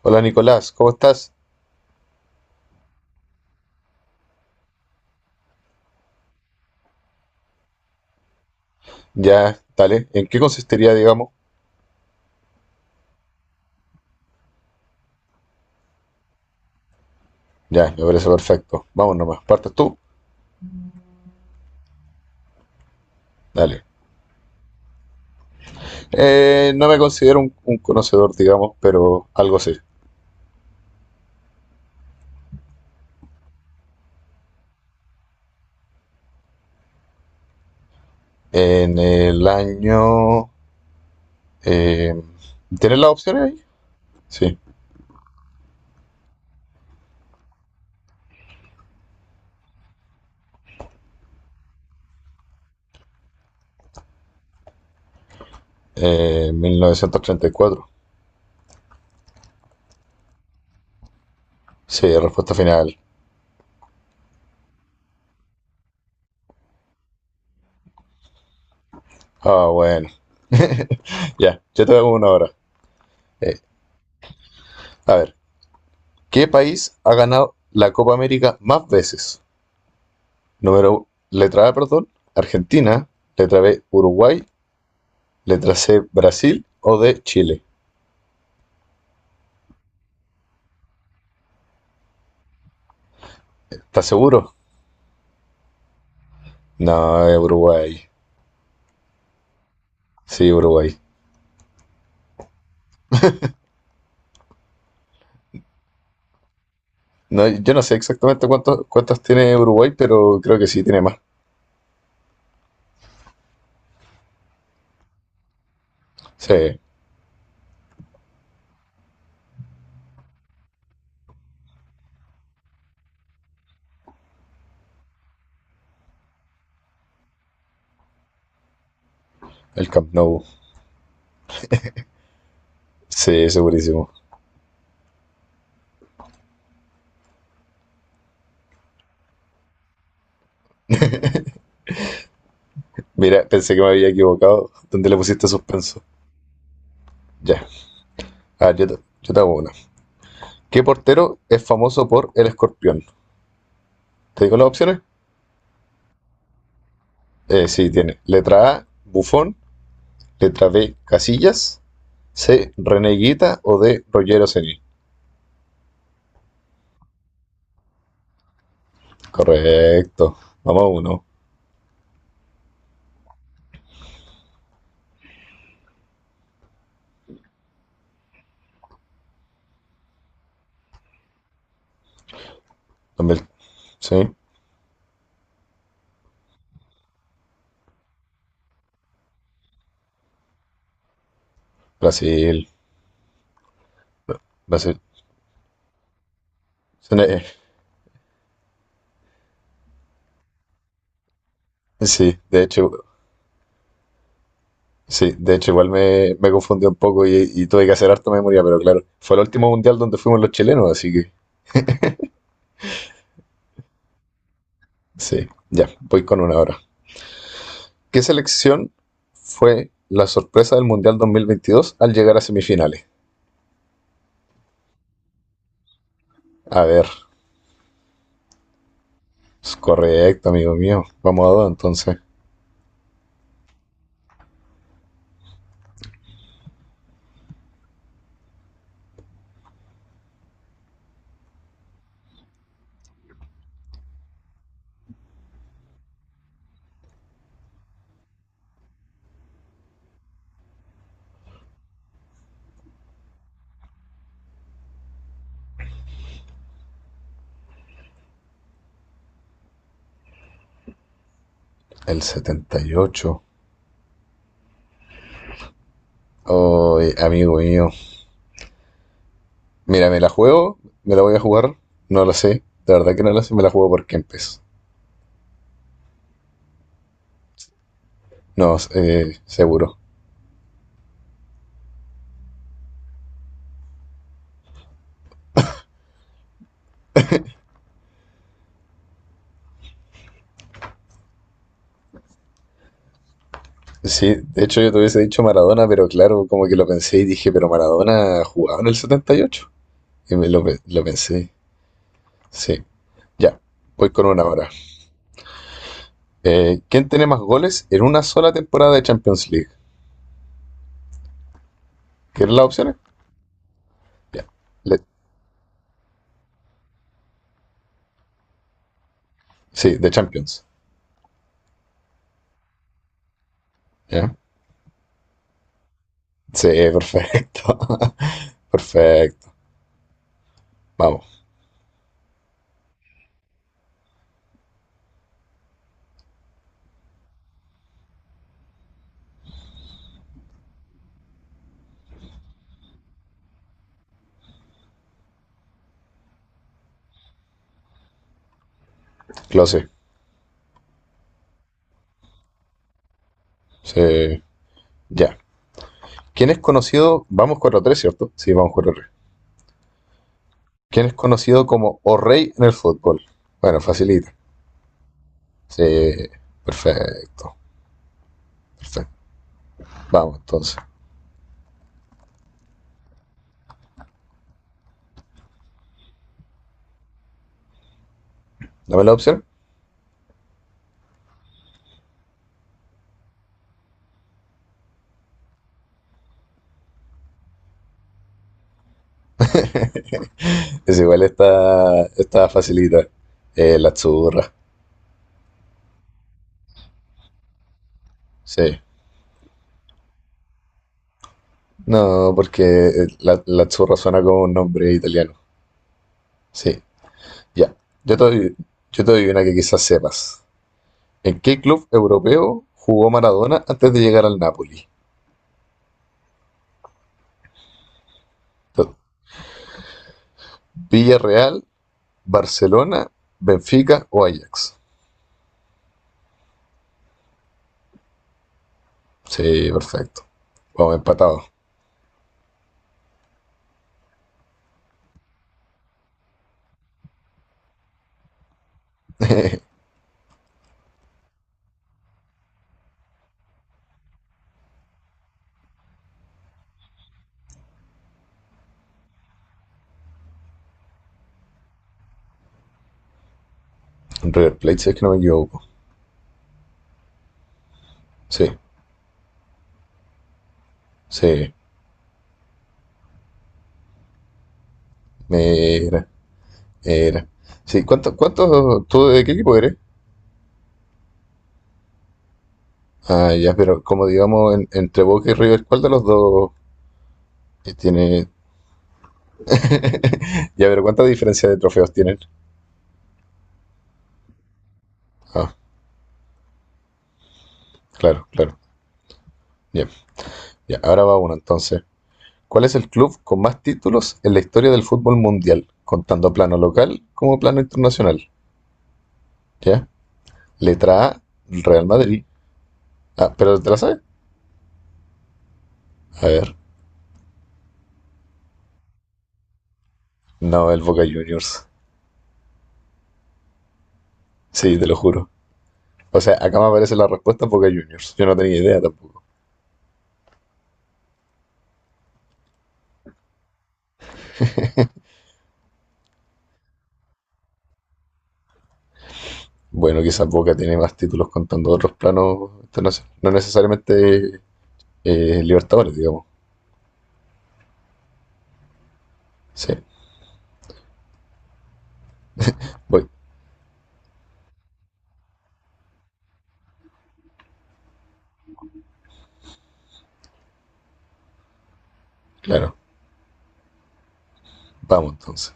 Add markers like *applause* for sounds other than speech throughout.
Hola Nicolás, ¿cómo estás? Ya, dale. ¿En qué consistiría, digamos? Ya, me parece perfecto. Vamos nomás, partes tú. Dale. No me considero un conocedor, digamos, pero algo sé. En el año. Eh, ¿tienes las opciones ahí? Sí. 1934. Sí, respuesta final. Ah, bueno. *laughs* Ya, yo te hago una hora. Eh, a ver, ¿qué país ha ganado la Copa América más veces? Número, letra A, perdón, Argentina. Letra B, Uruguay. Letra C, Brasil. O D, Chile. ¿Estás seguro? No, es Uruguay. Sí, Uruguay. No, yo no sé exactamente cuántas tiene Uruguay, pero creo que sí tiene más. Sí, el Camp Nou. Sí, segurísimo. Mira, pensé que me había equivocado. ¿Dónde le pusiste suspenso? Ya. Ah, yo te hago una. ¿Qué portero es famoso por el escorpión? ¿Te digo las opciones? Sí, tiene. Letra A, Buffon. Letra B, Casillas. C, reneguita o D, Roger Ceni. Correcto. Vamos a uno. También- sí, Brasil. Brasil. Sí, sí, de hecho, sí, de hecho igual me confundí un poco y tuve que hacer harta memoria, pero claro, fue el último mundial donde fuimos los chilenos, así que sí, ya, voy con una ahora. ¿Qué selección fue la sorpresa del Mundial 2022 al llegar a semifinales? A ver, es correcto, amigo mío. Vamos a dos entonces. El setenta y ocho. Oh, amigo mío. Mira, me la juego, me la voy a jugar. No lo sé. De verdad que no lo sé, me la juego por Kempes. No, seguro. Sí, de hecho yo te hubiese dicho Maradona, pero claro, como que lo pensé y dije, pero Maradona jugaba en el setenta y ocho y lo pensé. Sí, ya, voy con una hora. ¿Quién tiene más goles en una sola temporada de Champions League? ¿Quieres las opciones? Ya. Le- sí, de Champions. ¿Ya? Sí, perfecto. *laughs* Perfecto. Vamos, clase. Se- ya. ¿Quién es conocido? Vamos 4 tres, ¿cierto? Sí, vamos 4 tres. ¿Quién es conocido como O Rey en el fútbol? Bueno, facilita. Sí, perfecto. Perfecto. Vamos, entonces. Dame la opción. *laughs* Es igual esta, esta facilita. La Azzurra. Sí. No, porque la Azzurra suena como un nombre italiano. Sí. Ya. Yo te doy, yo te doy una que quizás sepas. ¿En qué club europeo jugó Maradona antes de llegar al Napoli? Entonces, Villarreal, Barcelona, Benfica o Ajax. Sí, perfecto. Vamos empatados. River Plate, si es que no me equivoco. Sí, sí. Mira, mira. Sí, cuántos tú de qué equipo eres? Ah, ya, pero como digamos, entre Boca y River, ¿cuál de los dos que tiene? *laughs* Ya, pero ¿cuánta diferencia de trofeos tienen? Ah, claro, claro. Bien, ya, ahora va uno entonces. ¿Cuál es el club con más títulos en la historia del fútbol mundial, contando plano local como plano internacional? ¿Ya? Letra A, Real Madrid. Ah, pero ¿te la sabes? A ver. No, el Boca Juniors. Sí, te lo juro. O sea, acá me aparece la respuesta Boca Juniors. Yo no tenía idea tampoco. Bueno, quizás Boca tiene más títulos contando otros planos internacionales. No necesariamente Libertadores, digamos. Sí, voy, claro. Vamos entonces.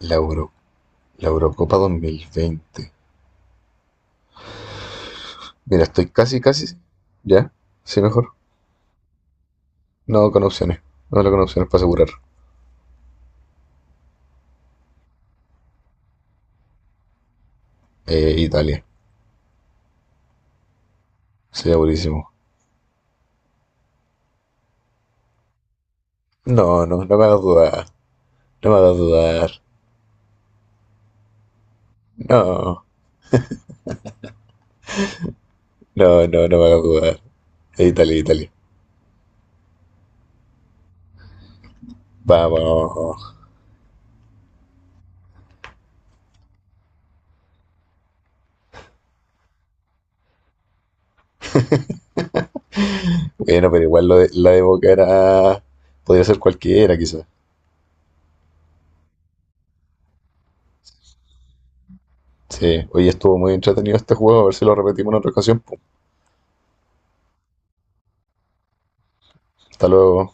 La, Euro- la Eurocopa 2020. Mira, estoy casi, casi. ¿Ya? Sí, mejor. No, con opciones. No, no con opciones para asegurar. Italia. Sería buenísimo. No, no, no me hagas dudar. No me hagas dudar. No, no, no, no me hagas dudar. Italia, Italia. Vamos. Bueno, pero igual la de Boca era. Podría ser cualquiera, quizás. Sí, hoy estuvo muy entretenido este juego. A ver si lo repetimos en otra ocasión, po. Hasta luego.